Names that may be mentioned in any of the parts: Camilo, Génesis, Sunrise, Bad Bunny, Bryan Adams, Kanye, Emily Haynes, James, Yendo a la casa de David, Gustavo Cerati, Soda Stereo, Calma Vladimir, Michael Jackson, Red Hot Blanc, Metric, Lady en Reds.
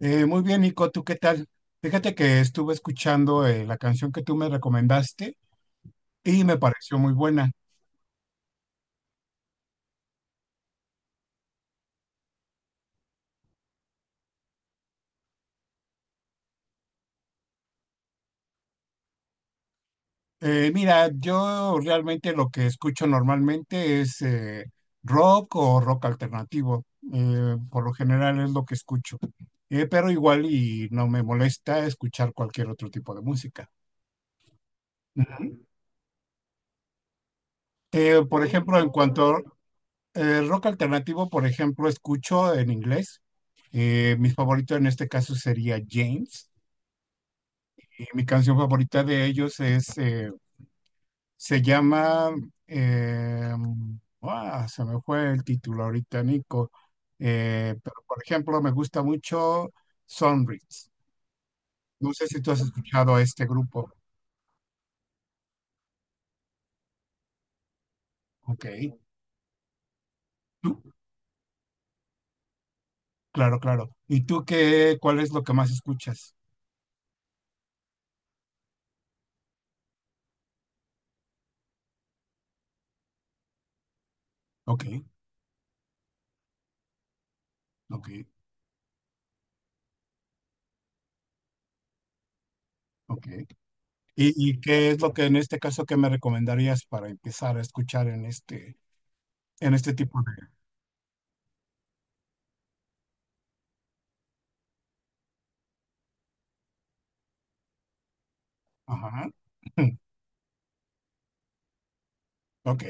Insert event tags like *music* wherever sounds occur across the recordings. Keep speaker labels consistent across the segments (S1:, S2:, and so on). S1: Muy bien, Nico, ¿tú qué tal? Fíjate que estuve escuchando la canción que tú me recomendaste y me pareció muy buena. Mira, yo realmente lo que escucho normalmente es rock o rock alternativo. Por lo general es lo que escucho. Pero igual y no me molesta escuchar cualquier otro tipo de música. Ujú. Por ejemplo, en cuanto a rock alternativo, por ejemplo, escucho en inglés. Mi favorito en este caso sería James. Mi canción favorita de ellos es, se llama, eh, se me fue el título ahorita, Nico. Pero por ejemplo me gusta mucho Sunrise. No sé si tú has escuchado a este grupo. Ok. ¿Tú? Claro, claro. ¿Y tú qué, cuál es lo que más escuchas? Ok, ok, ok. Y qué es lo que en este caso que me recomendarías para empezar a escuchar en este tipo de... Ajá. *clears throat* *laughs* Ok.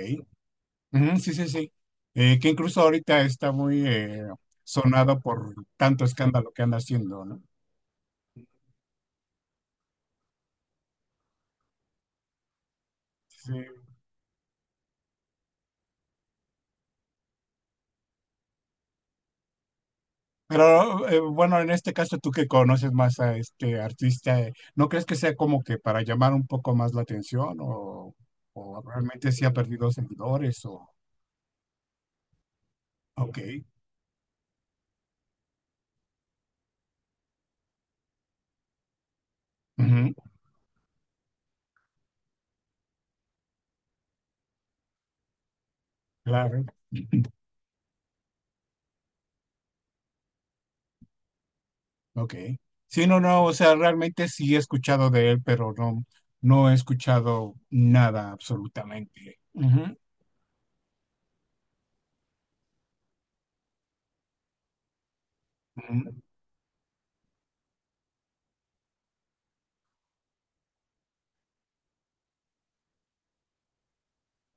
S1: Ujú, sí, sí, sí. Que incluso ahorita está muy sonado por tanto escándalo que anda haciendo, ¿no? Sí. Pero bueno, en este caso tú que conoces más a este artista, ¿no crees que sea como que para llamar un poco más la atención o realmente sí ha perdido seguidores o... Ok, ujú, claro, ok. Sí, no, no, o sea, realmente sí he escuchado de él, pero no, no he escuchado nada absolutamente. Ujú, ujú,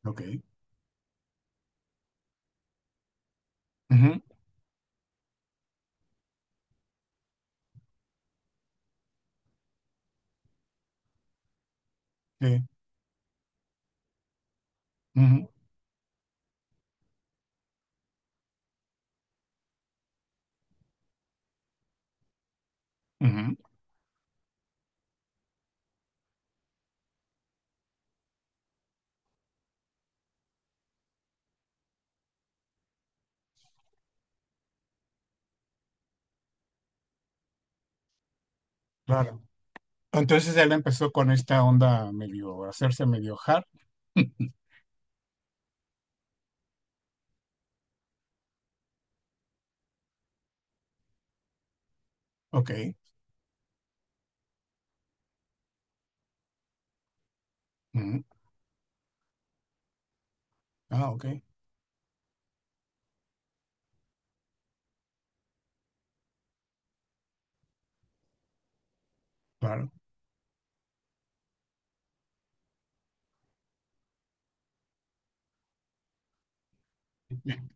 S1: ok. Ujú, sí, ujú, ujú, claro. Entonces él empezó con esta onda medio, hacerse medio hard. *laughs* Ok. Ujú. Ah, ok, claro. Bien,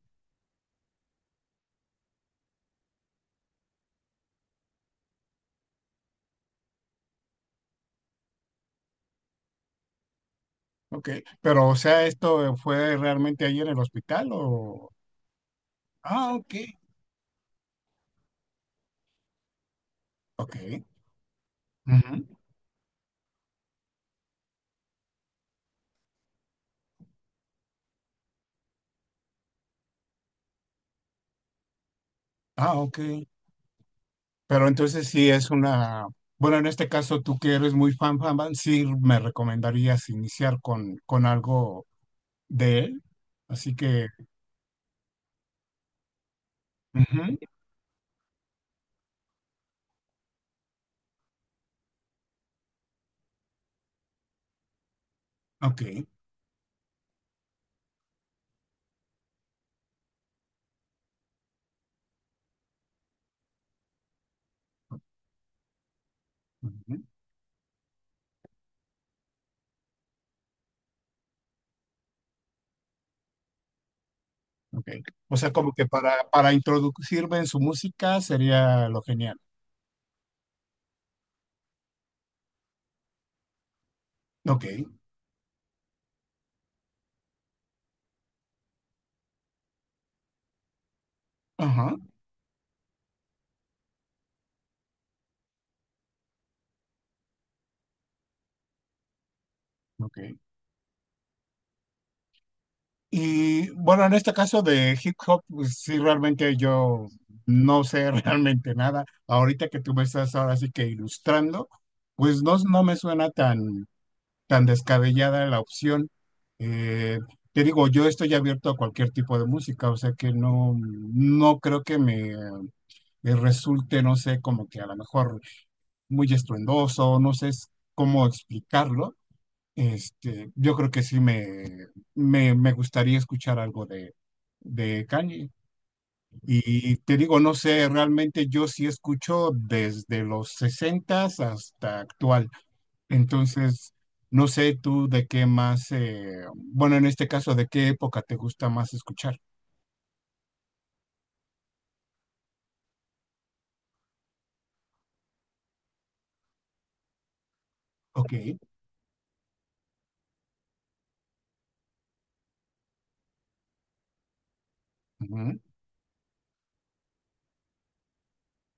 S1: ok. Pero, o sea, ¿esto fue realmente ahí en el hospital o...? Ah, ok. Ok. Ujú. Ah, ok. Pero entonces sí es una... Bueno, en este caso, tú que eres muy fan, fan, fan, sí me recomendarías iniciar con algo de él. Así que... Ujú. Ok. Ujú. Ok. O sea, como que para introducirme en su música sería lo genial. Ok. Ajá. Ok. Y bueno, en este caso de hip hop, pues sí, realmente yo no sé *laughs* realmente nada. Ahorita que tú me estás ahora sí que ilustrando, pues no, no me suena tan, tan descabellada la opción. Eh, te digo, yo estoy abierto a cualquier tipo de música, o sea que no, no creo que me resulte, no sé, como que a lo mejor muy estruendoso, no sé cómo explicarlo. Este, yo creo que sí me gustaría escuchar algo de Kanye. Y te digo, no sé, realmente yo sí escucho desde los sesentas hasta actual. Entonces, no sé tú de qué más, bueno, en este caso, de qué época te gusta más escuchar. Ok. Ujú.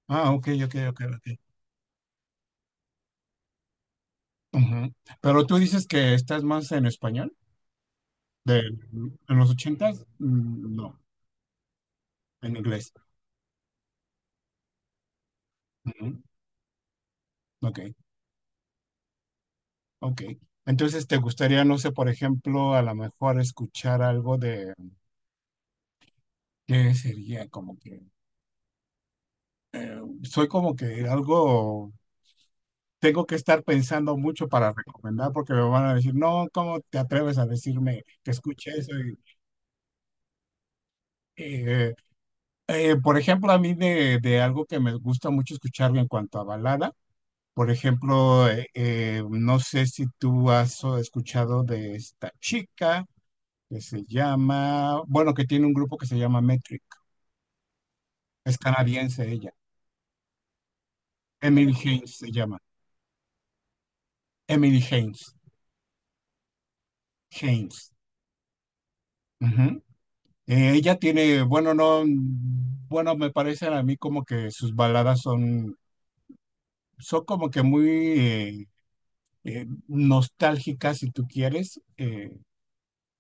S1: Ah, ok, ok, ok, ok. Ujú. Pero tú dices que estás más en español. De, en los ochentas, mm, no, en inglés. Ujú, ok, ok. Entonces, ¿te gustaría, no sé, por ejemplo, a lo mejor escuchar algo de, ¿qué sería? Como que, soy como que algo, tengo que estar pensando mucho para recomendar porque me van a decir, no, ¿cómo te atreves a decirme que escuche eso? Y, eh, por ejemplo, a mí de algo que me gusta mucho escuchar en cuanto a balada. Por ejemplo, no sé si tú has escuchado de esta chica que se llama, bueno, que tiene un grupo que se llama Metric. Es canadiense ella. Emily Haynes se llama. Emily Haynes. Haynes. Ujú. Ella tiene, bueno, no, mm, bueno, me parecen a mí como que sus baladas son, son como que muy eh, nostálgicas, si tú quieres.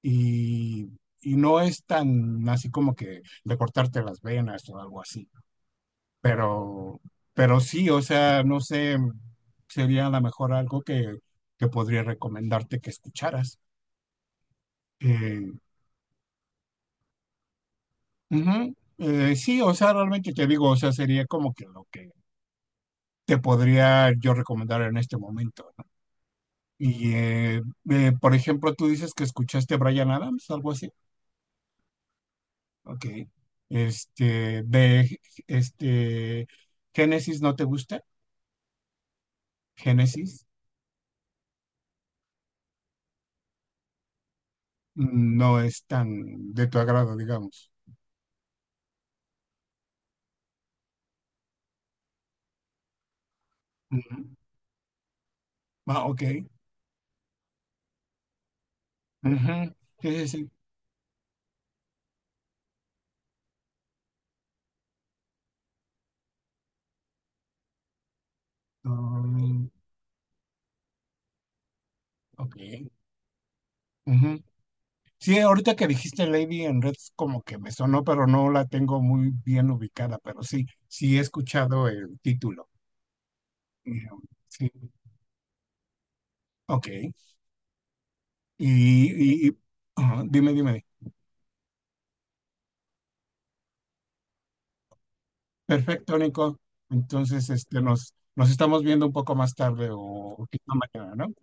S1: y, y no es tan así como que de cortarte las venas o algo así, pero, pero sí, o sea, no sé, sería a lo mejor algo que podría recomendarte que escucharas. Eh, ujú, sí, o sea, realmente te digo, o sea, sería como que lo que te podría yo recomendar en este momento. ¿No? Y, por ejemplo, tú dices que escuchaste Bryan Adams, algo así. Ok. Este, de, este, Génesis no te gusta. Génesis no es tan de tu agrado, digamos. Ujú. Ah, ok. Ujú. Sí, sí, sí. Mm, ok. Ujú. Sí, ahorita que dijiste Lady en Reds como que me sonó, pero no la tengo muy bien ubicada, pero sí, sí he escuchado el título. Eh, Sí, ok. Y, y- y- ajá, dime, dime. Perfecto, Nico. Entonces, este, nos, nos estamos viendo un poco más tarde o quizá mañana, ¿no?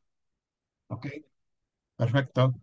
S1: Ok, perfecto.